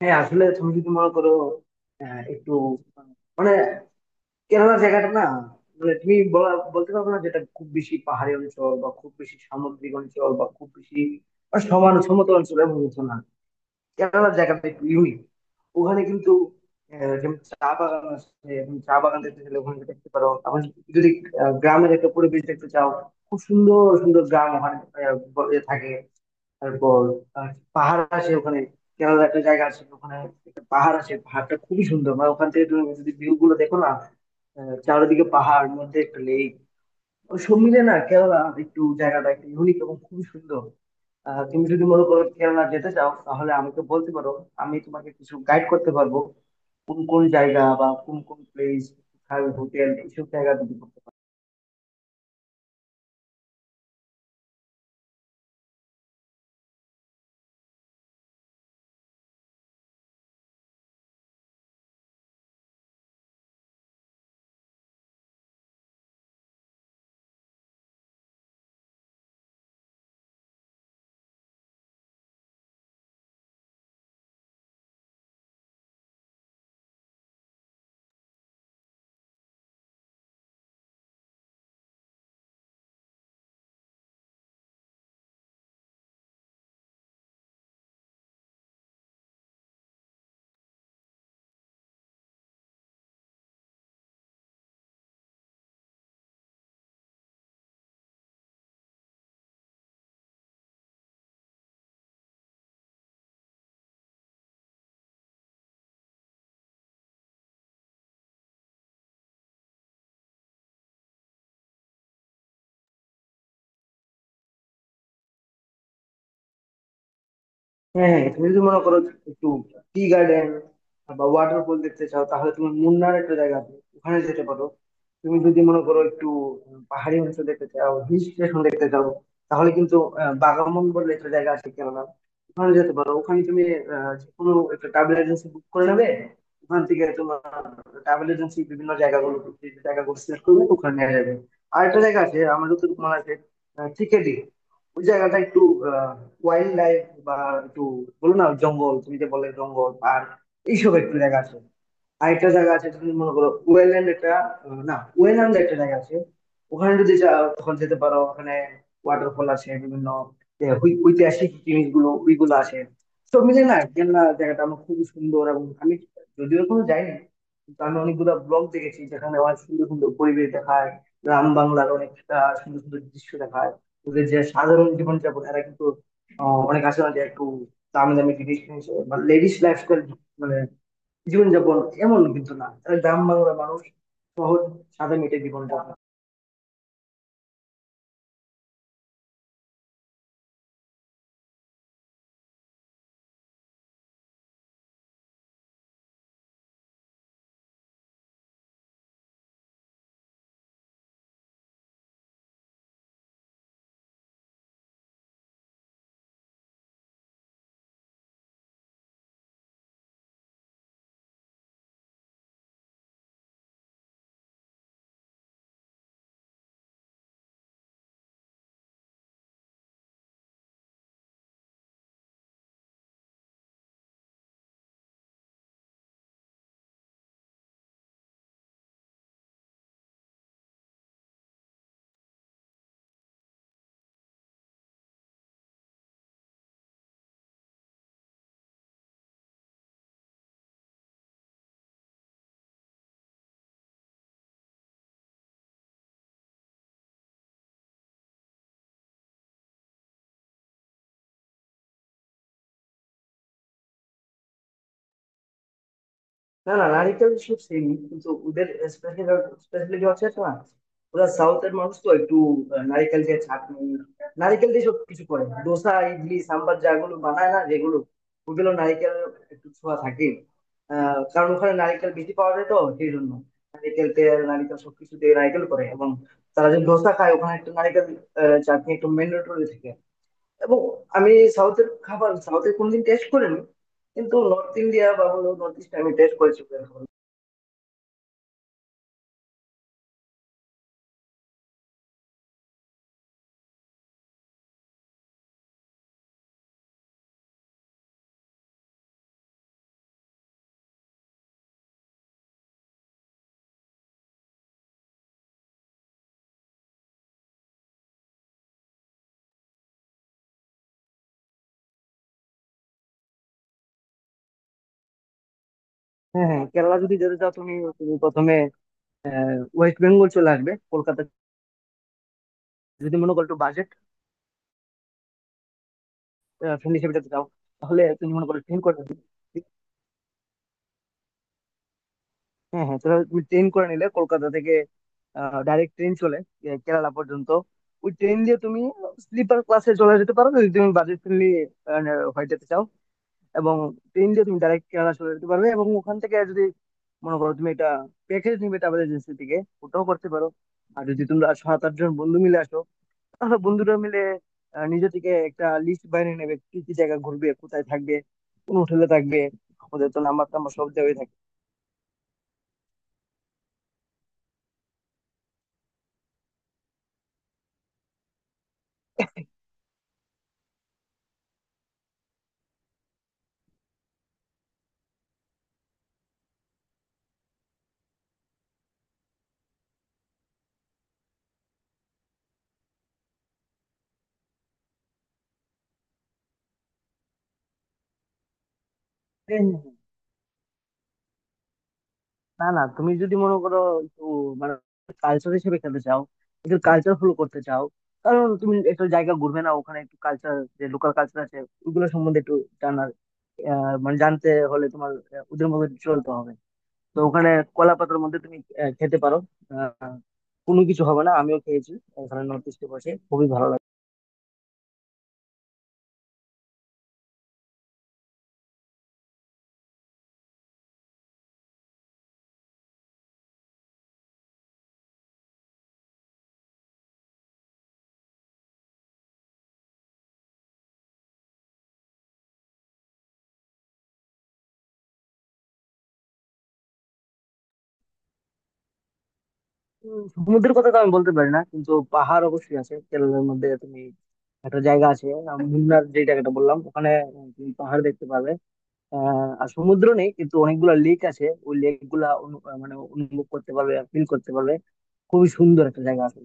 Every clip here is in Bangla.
হ্যাঁ আসলে তুমি যদি মনে করো একটু মানে কেরালা জায়গাটা না মানে তুমি বলতে পারবে না যেটা খুব বেশি পাহাড়ি অঞ্চল বা খুব বেশি সামুদ্রিক অঞ্চল বা খুব বেশি মানে সমান সমতল অঞ্চল এমন কিছু না। কেরালার জায়গাটা একটু ইউনিক। ওখানে কিন্তু যেমন চা বাগান আছে, এবং চা বাগান দেখতে গেলে ওখানে দেখতে পারো। আবার যদি গ্রামের একটা পরিবেশ দেখতে চাও, খুব সুন্দর সুন্দর গ্রাম ওখানে থাকে। তারপর আহ, পাহাড় আছে ওখানে। কেরালার একটা জায়গা আছে ওখানে, একটা পাহাড় আছে, পাহাড়টা খুবই সুন্দর, মানে ওখান থেকে তুমি যদি ভিউ গুলো দেখো না, চারিদিকে পাহাড় মধ্যে একটা লেক। সব মিলে না কেরালা একটু জায়গাটা একটু ইউনিক এবং খুবই সুন্দর। তুমি যদি মনে করো কেরালা যেতে চাও তাহলে আমাকে বলতে পারো, আমি তোমাকে কিছু গাইড করতে পারবো কোন কোন জায়গা বা কোন কোন প্লেস, হোটেল এইসব জায়গা তুমি করতে পারো। হ্যাঁ, হ্যাঁ, তুমি যদি মনে করো একটু টি গার্ডেন বা ওয়াটারফল দেখতে চাও তাহলে তুমি মুন্নার একটা জায়গা আছে ওখানে যেতে পারো। তুমি যদি মনে করো একটু পাহাড়ি অঞ্চল দেখতে চাও, হিল স্টেশন দেখতে চাও, তাহলে কিন্তু বাগামন বলে একটা জায়গা আছে, কেননা ওখানে যেতে পারো। ওখানে তুমি যে কোনো একটা ট্রাভেল এজেন্সি বুক করে নেবে, ওখান থেকে তোমার ট্রাভেল এজেন্সি বিভিন্ন জায়গাগুলো, যে জায়গাগুলো সিলেক্ট করবে ওখানে নিয়ে যাবে। আর একটা জায়গা আছে আমাদের তো মনে আছে, টিকেডি, ওই জায়গাটা একটু আহ ওয়াইল্ড লাইফ, বা একটু বলো না জঙ্গল, তুমি যে বলে জঙ্গল পার্ক, এইসব একটু জায়গা আছে। আরেকটা জায়গা আছে তুমি মনে করো ওয়েল্যান্ড একটা, না ওয়েল্যান্ড একটা জায়গা আছে, ওখানে যদি যাও তখন যেতে পারো। ওখানে ওয়াটারফল আছে বিভিন্ন, যে ঐতিহাসিক জিনিসগুলো ওইগুলো আছে। সব মিলে না কেননা জায়গাটা আমার খুবই সুন্দর, এবং আমি যদিও কোনো যাইনি কিন্তু আমি অনেকগুলো ব্লগ দেখেছি যেখানে অনেক সুন্দর সুন্দর পরিবেশ দেখায়, গ্রাম বাংলার অনেকটা সুন্দর সুন্দর দৃশ্য দেখায়। ওদের যে সাধারণ জীবনযাপন, এরা কিন্তু অনেক আছে না যে একটু দামি দামি জিনিস কিনছে, বা লেডিস লাইফস্টাইল, মানে জীবনযাপন এমন কিন্তু না, তারা গ্রাম বাংলার মানুষ। শহর, সাদা মেটে জীবনযাপন। না না, নারীদের সব সেম কিন্তু ওদের স্পেশালিটি হচ্ছে একটা না, ওরা সাউথের মানুষ তো একটু নারিকেল দিয়ে চাটনি, নারিকেল দিয়ে সব কিছু করে, দোসা ইডলি সাম্বার যাগুলো বানায় না যেগুলো, ওগুলো নারিকেল একটু ছোঁয়া থাকে। কারণ ওখানে নারিকেল বেশি পাওয়া যায়, তো সেই জন্য নারিকেল তেল নারিকেল সবকিছু দিয়ে নারিকেল করে। এবং তারা যে দোসা খায় ওখানে একটু নারিকেল চাটনি একটু ম্যান্ডেটরি থাকে। এবং আমি সাউথের খাবার সাউথের কোনোদিন টেস্ট করিনি, কিন্তু নর্থ ইন্ডিয়া বা হলো নর্থ ইস্ট আমি টেস্ট করেছি। হ্যাঁ হ্যাঁ, কেরালা যদি যেতে চাও তুমি তুমি প্রথমে ওয়েস্ট বেঙ্গল চলে আসবে, কলকাতা। যদি মনে করো একটু বাজেট ফ্রেন্ড হিসেবে যেতে চাও তাহলে তুমি মনে করো ট্রেন করে নিলে। হ্যাঁ হ্যাঁ, তাহলে তুমি ট্রেন করে নিলে, কলকাতা থেকে ডাইরেক্ট ট্রেন চলে কেরালা পর্যন্ত। ওই ট্রেন দিয়ে তুমি স্লিপার ক্লাসে চলে যেতে পারো যদি তুমি বাজেট ফ্রেন্ডলি হয়ে যেতে চাও। এবং ট্রেন দিয়ে তুমি ডাইরেক্ট কেরালা চলে যেতে পারবে, এবং ওখান থেকে যদি মনে করো তুমি এটা প্যাকেজ নিবে ট্রাভেল এজেন্সি থেকে, ওটাও করতে পারো। আর যদি তোমরা সাত আট জন বন্ধু মিলে আসো তাহলে বন্ধুরা মিলে নিজে থেকে একটা লিস্ট বানিয়ে নেবে কি কি জায়গা ঘুরবে, কোথায় থাকবে, কোন হোটেলে থাকবে। ওদের তো নাম্বার টাম্বার সব দেওয়াই থাকে। হ্যাঁ, হ্যাঁ, হ্যাঁ। না না, তুমি যদি মনে করো একটু মানে কালচার হিসেবে খেলতে চাও, একটু কালচার ফলো করতে চাও, কারণ তুমি একটা জায়গা ঘুরবে না, ওখানে একটু কালচার, যে লোকাল কালচার আছে ওগুলো সম্বন্ধে একটু জানার, মানে জানতে হলে তোমার ওদের মতো চলতে হবে। তো ওখানে কলা পাতার মধ্যে তুমি খেতে পারো, আহ, কোনো কিছু হবে না, আমিও খেয়েছি ওখানে নর্থ ইস্টে, বসে খুবই ভালো লাগে। সমুদ্রের কথা তো আমি বলতে পারি না, কিন্তু পাহাড় অবশ্যই আছে কেরলের মধ্যে। তুমি একটা জায়গা আছে মুন্নার যে জায়গাটা বললাম ওখানে তুমি পাহাড় দেখতে পাবে। আর সমুদ্র নেই কিন্তু অনেকগুলা লেক আছে, ওই লেক গুলা মানে অনুভব করতে পারবে, ফিল করতে পারবে। খুবই সুন্দর একটা জায়গা আছে।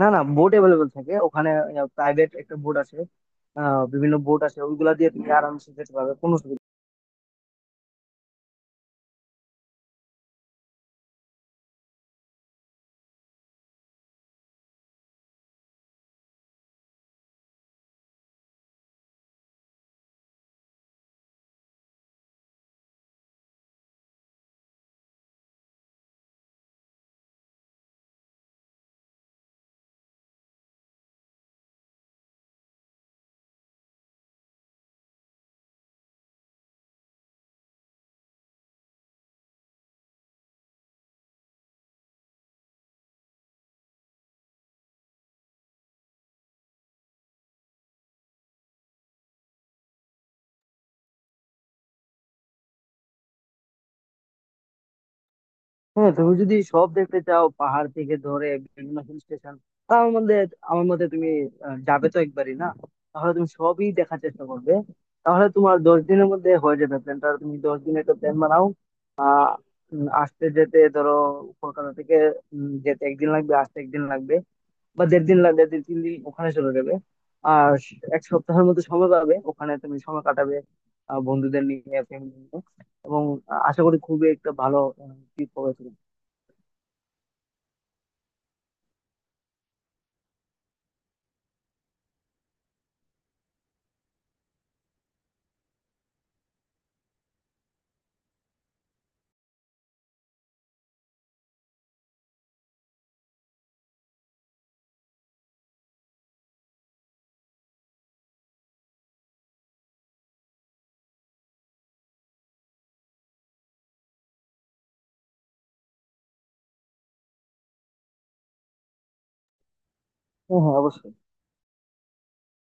না না, বোট অ্যাভেলেবেল থাকে ওখানে, প্রাইভেট একটা বোট আছে, বিভিন্ন বোট আছে, ওইগুলা দিয়ে তুমি আরামসে যেতে পারবে, কোনো অসুবিধা নেই। হ্যাঁ, তুমি যদি সব দেখতে চাও পাহাড় থেকে ধরে বিভিন্ন হিল স্টেশন, আমার মধ্যে, আমার মতে তুমি যাবে তো একবারই না, তাহলে তুমি সবই দেখার চেষ্টা করবে। তাহলে তোমার 10 দিনের মধ্যে হয়ে যাবে, প্ল্যানটা তুমি 10 দিনের একটা প্ল্যান বানাও। আহ আসতে যেতে ধরো কলকাতা থেকে, যেতে একদিন লাগবে, আসতে একদিন লাগবে, বা দেড় দিন লাগবে, 2-3 দিন ওখানে চলে যাবে। আর এক সপ্তাহের মতো সময় পাবে ওখানে তুমি সময় কাটাবে বন্ধুদের নিয়ে, ফ্যামিলি নিয়ে, এবং আশা করি খুবই একটা ভালো ট্রিপ হবে তোমার। হ্যাঁ হ্যাঁ, অবশ্যই।